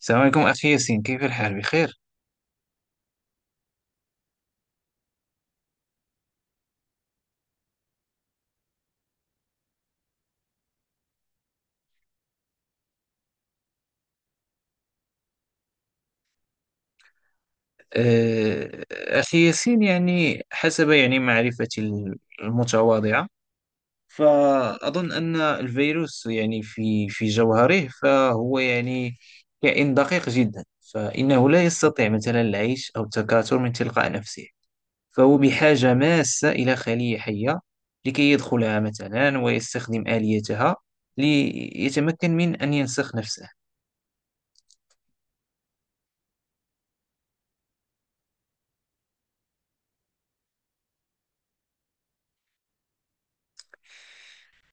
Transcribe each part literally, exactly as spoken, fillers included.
السلام عليكم أخي ياسين، كيف الحال بخير؟ آه، أخي ياسين يعني حسب يعني معرفتي المتواضعة، فأظن أن الفيروس يعني في في جوهره فهو يعني كائن دقيق جدا، فإنه لا يستطيع مثلا العيش أو التكاثر من تلقاء نفسه، فهو بحاجة ماسة إلى خلية حية لكي يدخلها مثلا ويستخدم آليتها ليتمكن من أن ينسخ نفسه.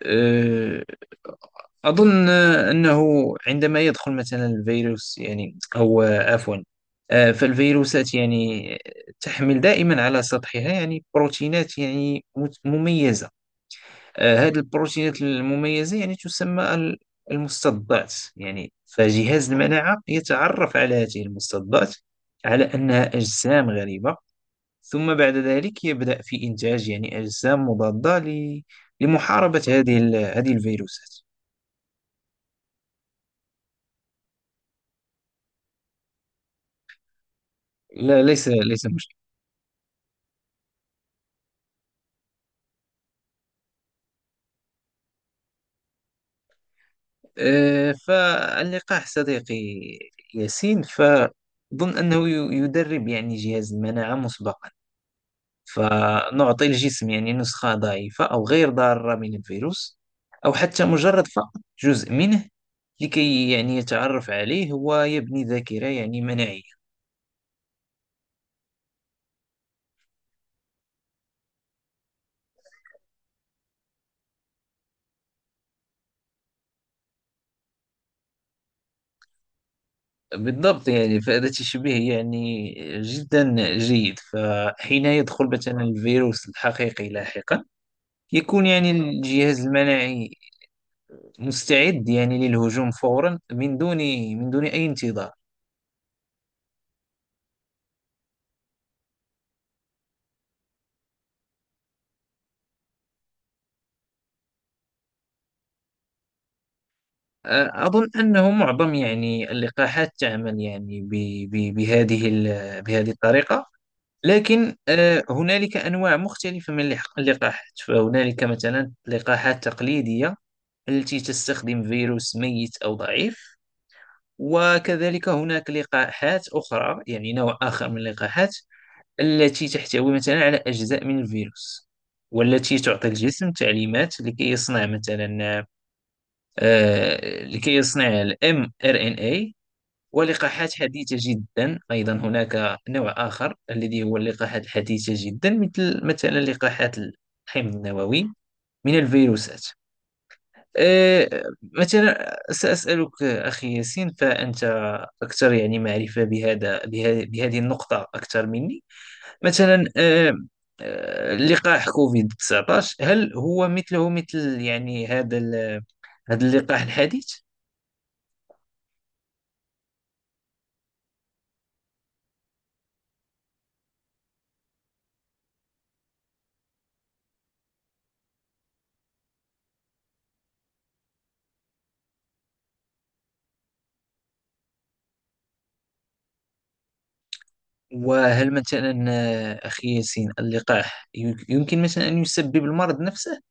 آه، أظن أنه عندما يدخل مثلا الفيروس يعني، أو آه، عفوا آه، فالفيروسات يعني تحمل دائما على سطحها يعني بروتينات يعني مت- مميزة. آه، هذه البروتينات المميزة يعني تسمى ال- المستضدات، يعني فجهاز المناعة يتعرف على هذه المستضدات على أنها أجسام غريبة، ثم بعد ذلك يبدأ في إنتاج يعني أجسام مضادة ل- لمحاربة هذه ال- هذه الفيروسات. لا، ليس ليس مشكل. أه، فاللقاح صديقي ياسين، فأظن أنه ي- يدرب يعني جهاز المناعة مسبقا، فنعطي الجسم يعني نسخة ضعيفة أو غير ضارة من الفيروس، أو حتى مجرد فقط جزء منه، لكي يعني يتعرف عليه ويبني ذاكرة يعني مناعية. بالضبط، يعني فهذا تشبيه يعني جدا جيد، فحين يدخل مثلا الفيروس الحقيقي لاحقا يكون يعني الجهاز المناعي مستعد يعني للهجوم فورا، من دون من دون أي انتظار. أظن أنه معظم يعني اللقاحات تعمل يعني ب ب بهذه ال- بهذه الطريقة، لكن آه، هنالك أنواع مختلفة من اللح- اللقاحات، فهنالك مثلا لقاحات تقليدية التي تستخدم فيروس ميت أو ضعيف، وكذلك هناك لقاحات أخرى، يعني نوع آخر من اللقاحات التي تحتوي مثلا على أجزاء من الفيروس، والتي تعطي الجسم تعليمات لكي يصنع مثلا، آه لكي يصنع ال mRNA. ولقاحات حديثة جدا أيضا، هناك نوع آخر الذي هو اللقاحات الحديثة جدا، مثل مثلا لقاحات الحمض النووي من الفيروسات. آه مثلا سأسألك أخي ياسين، فأنت أكثر يعني معرفة بهذا بها- بهذه النقطة أكثر مني. مثلا آه، آه، لقاح كوفيد تسعطاشر، هل هو مثله مثل يعني هذا ال- هذا اللقاح الحديث؟ وهل مثلا آه، أخي ياسين اللقاح ي- يمكن مثلا أن يسبب المرض نفسه؟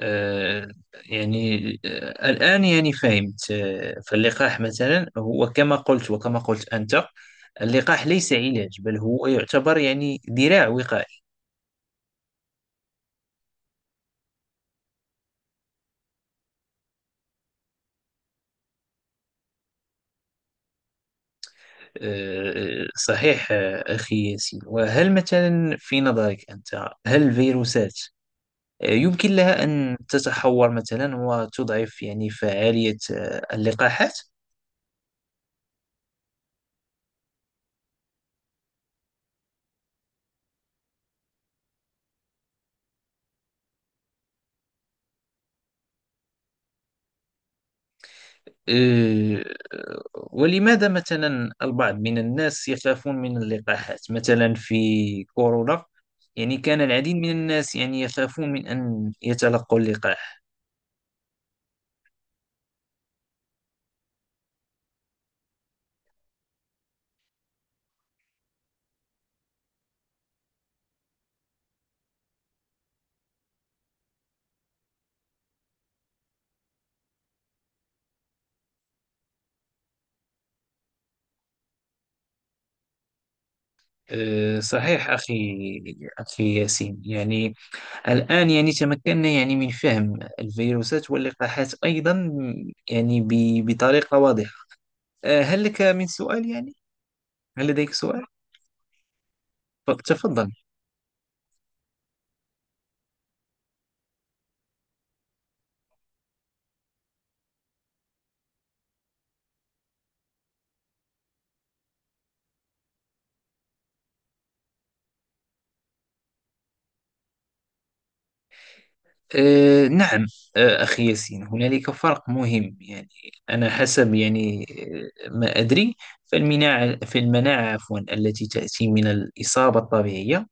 آه، يعني آه، الآن يعني فهمت، آه، فاللقاح مثلا هو كما قلت، وكما قلت أنت، اللقاح ليس علاج، بل هو يعتبر يعني ذراع وقائية. آه، آه، صحيح آه، أخي ياسين، وهل مثلا في نظرك أنت، هل الفيروسات آه، يمكن لها أن تتحور مثلا وتضعف يعني فعالية آه، اللقاحات؟ آه، ولماذا مثلا البعض من الناس يخافون من اللقاحات، مثلا في كورونا يعني كان العديد من الناس يعني يخافون من أن يتلقوا اللقاح. آه، صحيح أخي أخي ياسين، يعني الآن يعني تمكنا يعني من فهم الفيروسات واللقاحات أيضا يعني ب- بطريقة واضحة. آه، هل لك من سؤال يعني؟ هل لديك سؤال؟ ف- تفضل. آه، نعم، آه، أخي ياسين هنالك فرق مهم، يعني أنا حسب يعني، آه، ما أدري، فالمناعة فالمناعة عفوا التي تأتي من الإصابة الطبيعية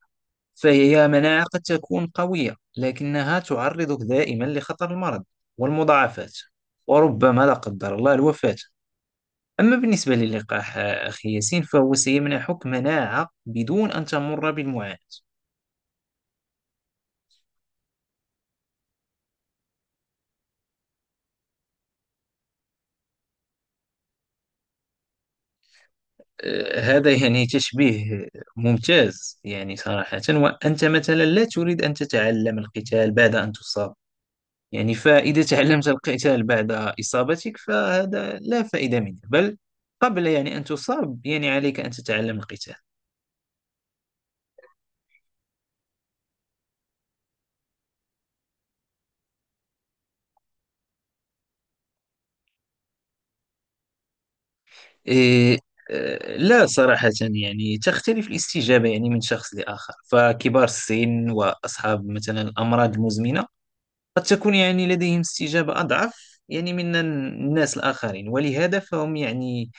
فهي مناعة قد تكون قوية، لكنها تعرضك دائما لخطر المرض والمضاعفات، وربما لا قدر الله الوفاة. أما بالنسبة للقاح آه، أخي ياسين، فهو سيمنحك مناعة بدون أن تمر بالمعاناة. آه، هذا يعني تشبيه ممتاز يعني صراحة، وأنت مثلا لا تريد أن تتعلم القتال بعد أن تصاب، يعني فإذا تعلمت القتال بعد إصابتك فهذا لا فائدة منه، بل قبل يعني أن تصاب يعني عليك أن تتعلم القتال. إيه. آه، لا صراحة، يعني تختلف الاستجابة يعني من شخص لآخر، فكبار السن وأصحاب مثلا الأمراض المزمنة قد تكون يعني لديهم استجابة أضعف يعني من الناس الآخرين، ولهذا فهم يعني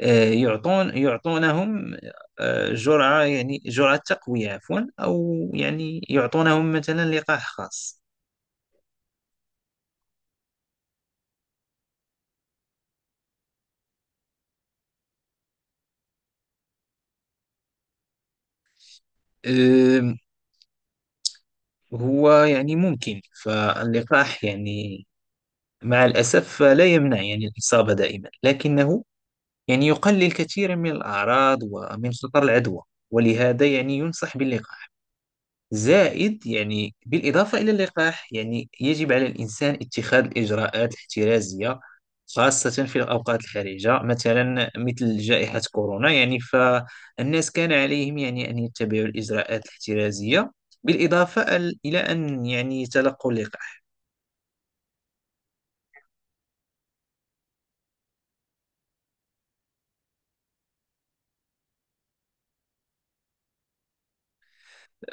آه، يعطون يعطونهم آه، جرعة، يعني جرعة تقوية، عفوا، أو يعني يعطونهم مثلا لقاح خاص. آم، هو يعني ممكن، فاللقاح يعني مع الأسف لا يمنع يعني الإصابة دائما، لكنه يعني يقلل كثيرا من الأعراض ومن خطر العدوى، ولهذا يعني ينصح باللقاح. زائد يعني بالإضافة إلى اللقاح، يعني يجب على الإنسان اتخاذ الإجراءات الاحترازية، خاصة في الأوقات الحرجة، مثلا مثل جائحة كورونا، يعني فالناس كان عليهم يعني أن يتبعوا الإجراءات الاحترازية بالإضافة إلى أن يعني يتلقوا اللقاح.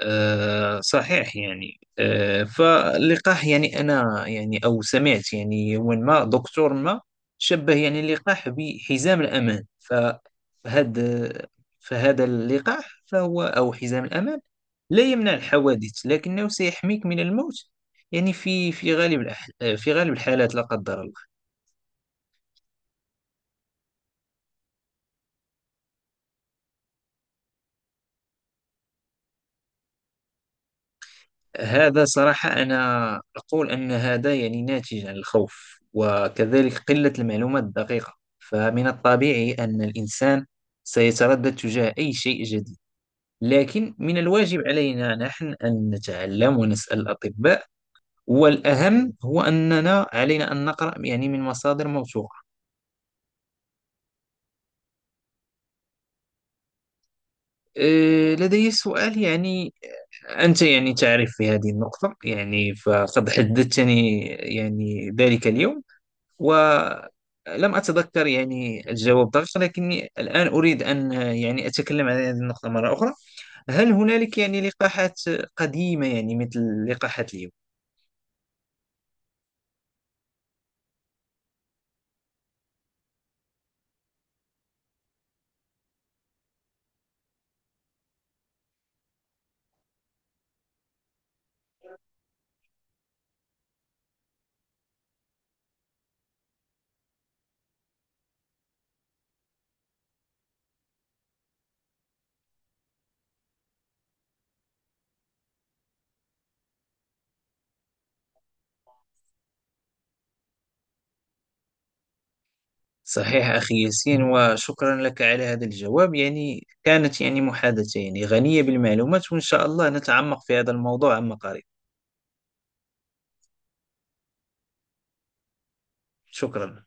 آه، صحيح يعني، آه، فاللقاح يعني، أنا يعني أو سمعت يعني يوما ما دكتور ما شبه يعني اللقاح بحزام الأمان، فهذا فهذا اللقاح فهو، أو حزام الأمان، لا يمنع الحوادث لكنه سيحميك من الموت، يعني في في غالب الأح- في غالب الحالات لا قدر الله. هذا صراحة، أنا أقول أن هذا يعني ناتج عن الخوف، وكذلك قلة المعلومات الدقيقة، فمن الطبيعي أن الإنسان سيتردد تجاه أي شيء جديد، لكن من الواجب علينا نحن أن نتعلم ونسأل الأطباء، والأهم هو أننا علينا أن نقرأ يعني من مصادر موثوقة. أه، لدي سؤال، يعني أنت يعني تعرف في هذه النقطة، يعني فقد حدثتني يعني ذلك اليوم، ولم أتذكر يعني الجواب دقيق، لكني الآن أريد أن يعني أتكلم عن هذه النقطة مرة أخرى. هل هنالك يعني لقاحات قديمة يعني مثل لقاحات اليوم؟ صحيح أخي ياسين، وشكرا لك على هذا الجواب، يعني كانت يعني محادثة يعني غنية بالمعلومات، وإن شاء الله نتعمق في هذا الموضوع عما قريب. شكرا.